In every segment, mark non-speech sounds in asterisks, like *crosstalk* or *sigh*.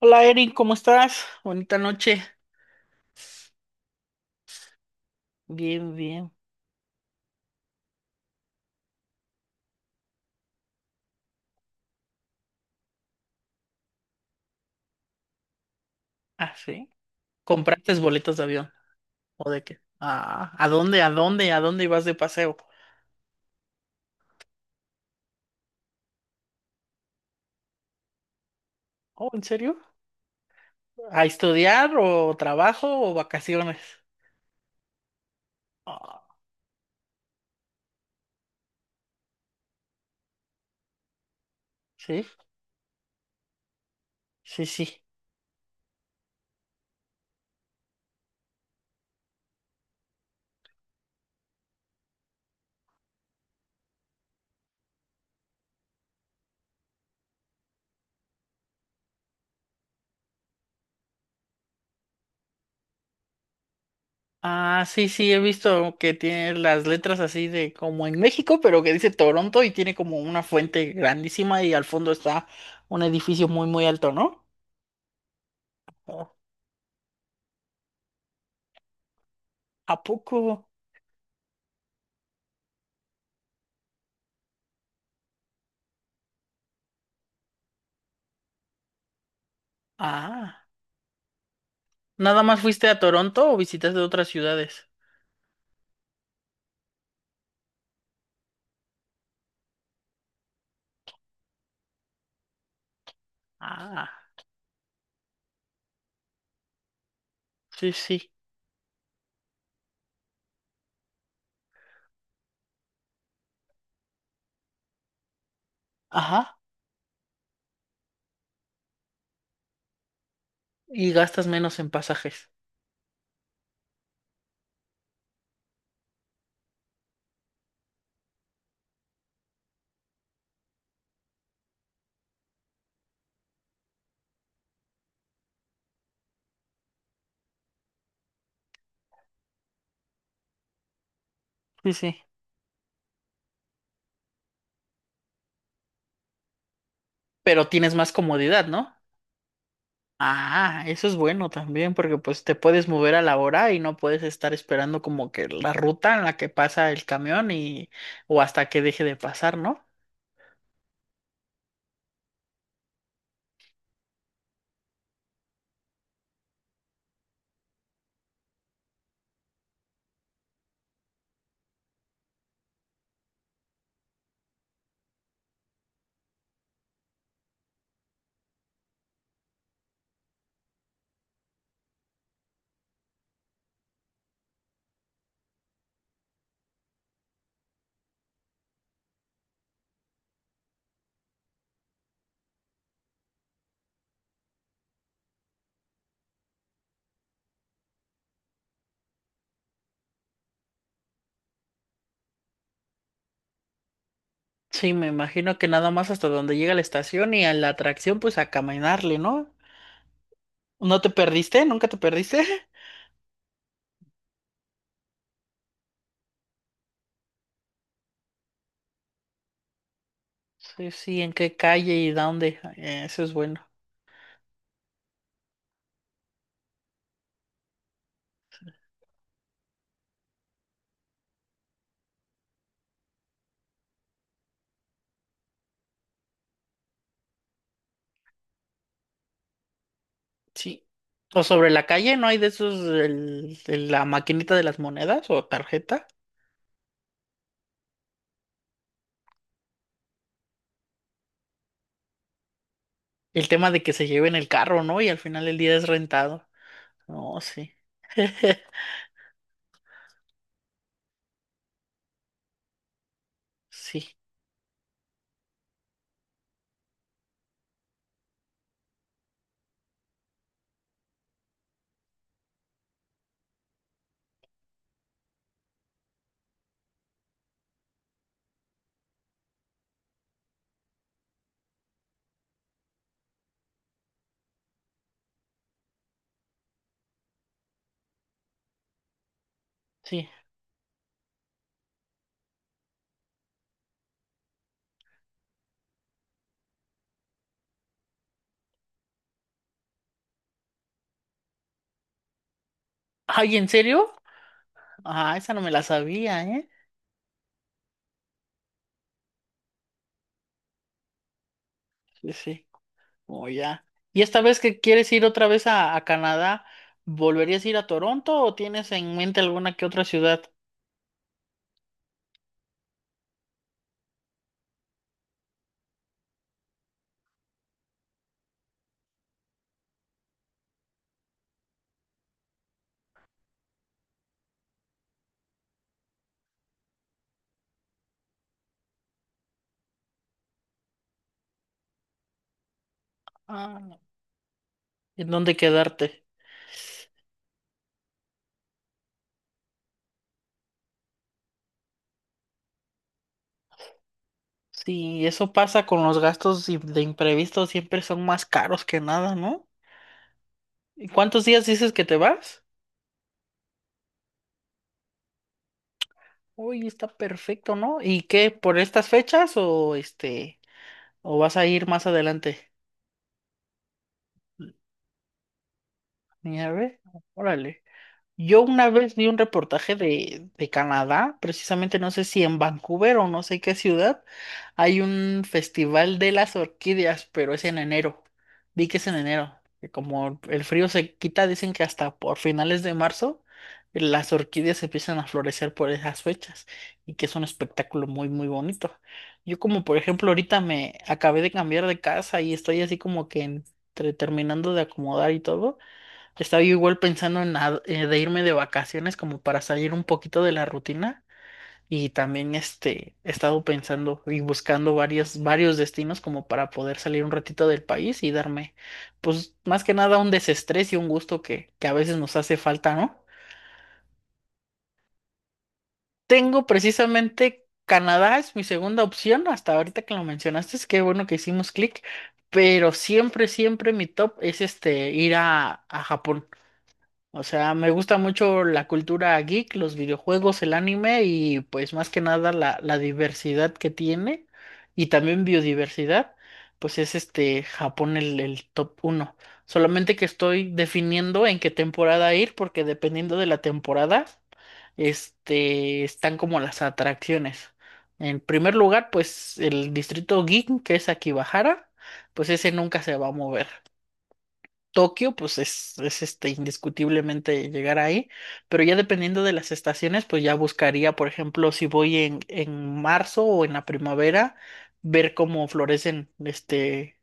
Hola Erin, ¿cómo estás? Bonita noche. Bien, bien. Ah, sí. ¿Compraste boletos de avión? ¿O de qué? Ah, ¿a dónde, a dónde ibas de paseo? Oh, ¿en serio? ¿A estudiar o trabajo o vacaciones? Ah, sí, sí, sí. Ah, sí, sí, he visto que tiene las letras así de como en México, pero que dice Toronto y tiene como una fuente grandísima y al fondo está un edificio muy, muy alto, ¿no? Oh, ¿a poco? Ah. ¿Nada más fuiste a Toronto o visitaste otras ciudades? Ah, sí, sí. Ajá. Y gastas menos en pasajes. Sí, sí. Pero tienes más comodidad, ¿no? Ah, eso es bueno también, porque pues te puedes mover a la hora y no puedes estar esperando como que la ruta en la que pasa el camión y o hasta que deje de pasar, ¿no? Sí, me imagino que nada más hasta donde llega la estación y a la atracción, pues a caminarle, ¿no? ¿No te perdiste? ¿Nunca te perdiste? *laughs* Sí, sí, ¿en qué calle y dónde? Eso es bueno. Sí. O sobre la calle, ¿no hay de esos, el, la maquinita de las monedas o tarjeta? El tema de que se lleven el carro, ¿no? Y al final el día es rentado. No, sí. *laughs* Sí, sí. Ay, ¿en serio? Ah, esa no me la sabía, ¿eh? Sí, sí. Oh, ya. ¿Y esta vez que quieres ir otra vez a Canadá, volverías a ir a Toronto o tienes en mente alguna que otra ciudad? Ah, no. ¿En dónde quedarte? Sí, eso pasa con los gastos de imprevistos, siempre son más caros que nada, ¿no? ¿Y cuántos días dices que te vas? Uy, está perfecto, ¿no? ¿Y qué, por estas fechas o o vas a ir más adelante? Ni a órale. Yo una vez vi un reportaje de Canadá, precisamente no sé si en Vancouver o no sé qué ciudad, hay un festival de las orquídeas, pero es en enero. Vi que es en enero, que como el frío se quita, dicen que hasta por finales de marzo las orquídeas empiezan a florecer por esas fechas y que es un espectáculo muy, muy bonito. Yo como por ejemplo ahorita me acabé de cambiar de casa y estoy así como que entre terminando de acomodar y todo. Estaba yo igual pensando en de irme de vacaciones como para salir un poquito de la rutina y también he estado pensando y buscando varios destinos como para poder salir un ratito del país y darme pues más que nada un desestrés y un gusto que a veces nos hace falta, ¿no? Tengo precisamente Canadá es mi segunda opción, hasta ahorita que lo mencionaste, es qué bueno que hicimos clic, pero siempre mi top es ir a Japón. O sea, me gusta mucho la cultura geek, los videojuegos, el anime y pues más que nada la, la diversidad que tiene y también biodiversidad, pues es Japón el top uno. Solamente que estoy definiendo en qué temporada ir porque dependiendo de la temporada, están como las atracciones. En primer lugar, pues el distrito geek que es Akibahara, pues ese nunca se va a mover. Tokio, pues es, indiscutiblemente llegar ahí, pero ya dependiendo de las estaciones, pues ya buscaría, por ejemplo, si voy en marzo o en la primavera, ver cómo florecen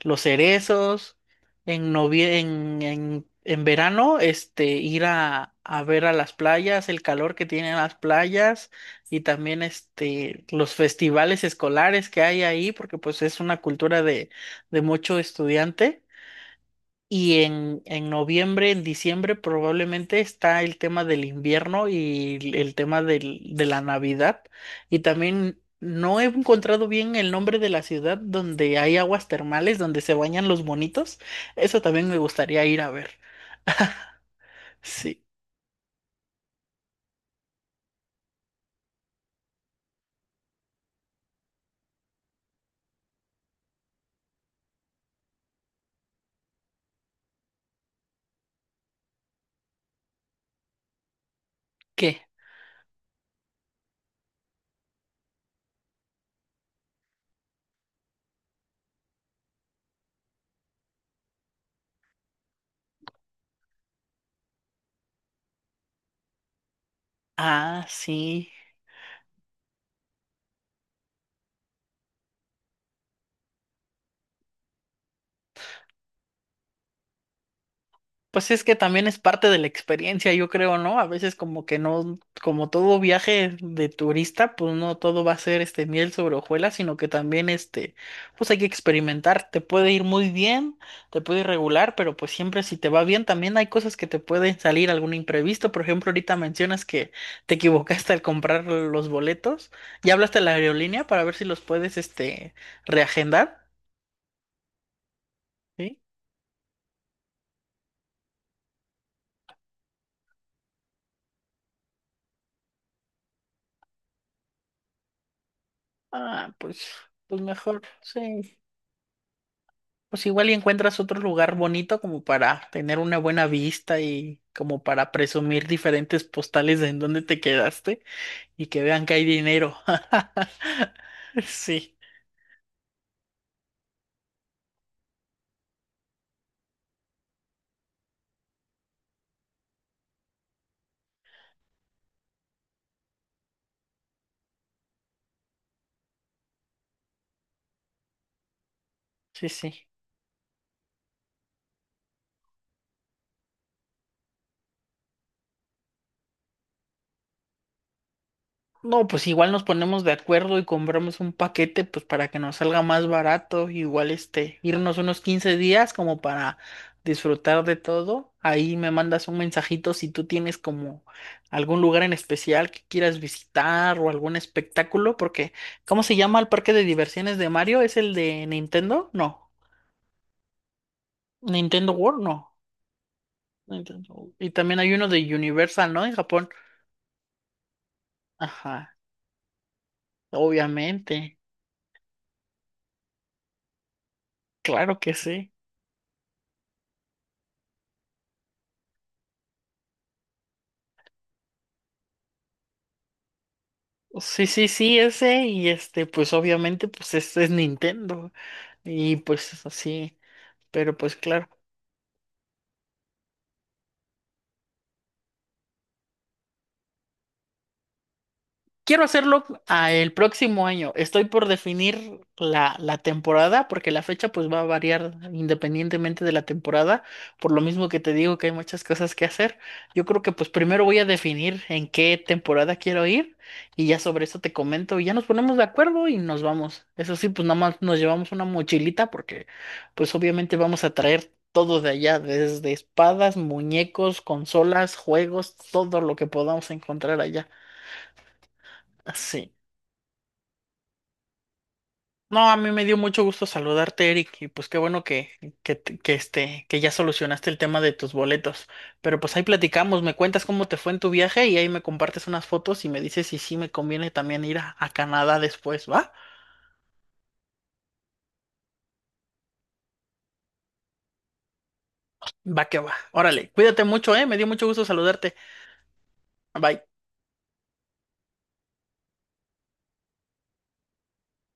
los cerezos, en, novie en verano, ir a ver a las playas, el calor que tienen las playas y también los festivales escolares que hay ahí, porque pues es una cultura de mucho estudiante. Y en noviembre, en diciembre probablemente está el tema del invierno y el tema de la Navidad. Y también no he encontrado bien el nombre de la ciudad donde hay aguas termales, donde se bañan los bonitos. Eso también me gustaría ir a ver. Sí. ¿Qué? Ah, sí. Pues es que también es parte de la experiencia, yo creo, ¿no? A veces como que no, como todo viaje de turista, pues no todo va a ser miel sobre hojuelas, sino que también pues hay que experimentar. Te puede ir muy bien, te puede ir regular, pero pues siempre si te va bien, también hay cosas que te pueden salir algún imprevisto. Por ejemplo, ahorita mencionas que te equivocaste al comprar los boletos. ¿Ya hablaste a la aerolínea para ver si los puedes reagendar? ¿Sí? Ah, pues, pues mejor, sí. Pues igual y encuentras otro lugar bonito como para tener una buena vista y como para presumir diferentes postales de en dónde te quedaste y que vean que hay dinero. *laughs* Sí, sí, sí. No, pues igual nos ponemos de acuerdo y compramos un paquete, pues para que nos salga más barato, igual irnos unos 15 días como para disfrutar de todo. Ahí me mandas un mensajito si tú tienes como algún lugar en especial que quieras visitar o algún espectáculo, porque ¿cómo se llama el parque de diversiones de Mario? ¿Es el de Nintendo? No. Nintendo World, no. Nintendo- Y también hay uno de Universal, ¿no? En Japón. Ajá, obviamente. Claro que sí. Sí, sí, sí, ese, y pues obviamente, pues este es Nintendo. Y pues así, pero pues claro. Quiero hacerlo a el próximo año. Estoy por definir la, la temporada porque la fecha pues va a variar independientemente de la temporada, por lo mismo que te digo que hay muchas cosas que hacer. Yo creo que pues primero voy a definir en qué temporada quiero ir y ya sobre eso te comento y ya nos ponemos de acuerdo y nos vamos. Eso sí, pues nada más nos llevamos una mochilita porque pues obviamente vamos a traer todo de allá, desde espadas, muñecos, consolas, juegos, todo lo que podamos encontrar allá. Sí. No, a mí me dio mucho gusto saludarte, Eric, y pues qué bueno que, que ya solucionaste el tema de tus boletos. Pero pues ahí platicamos, me cuentas cómo te fue en tu viaje y ahí me compartes unas fotos y me dices si sí me conviene también ir a Canadá después, ¿va? Va que va. Órale, cuídate mucho, ¿eh? Me dio mucho gusto saludarte. Bye.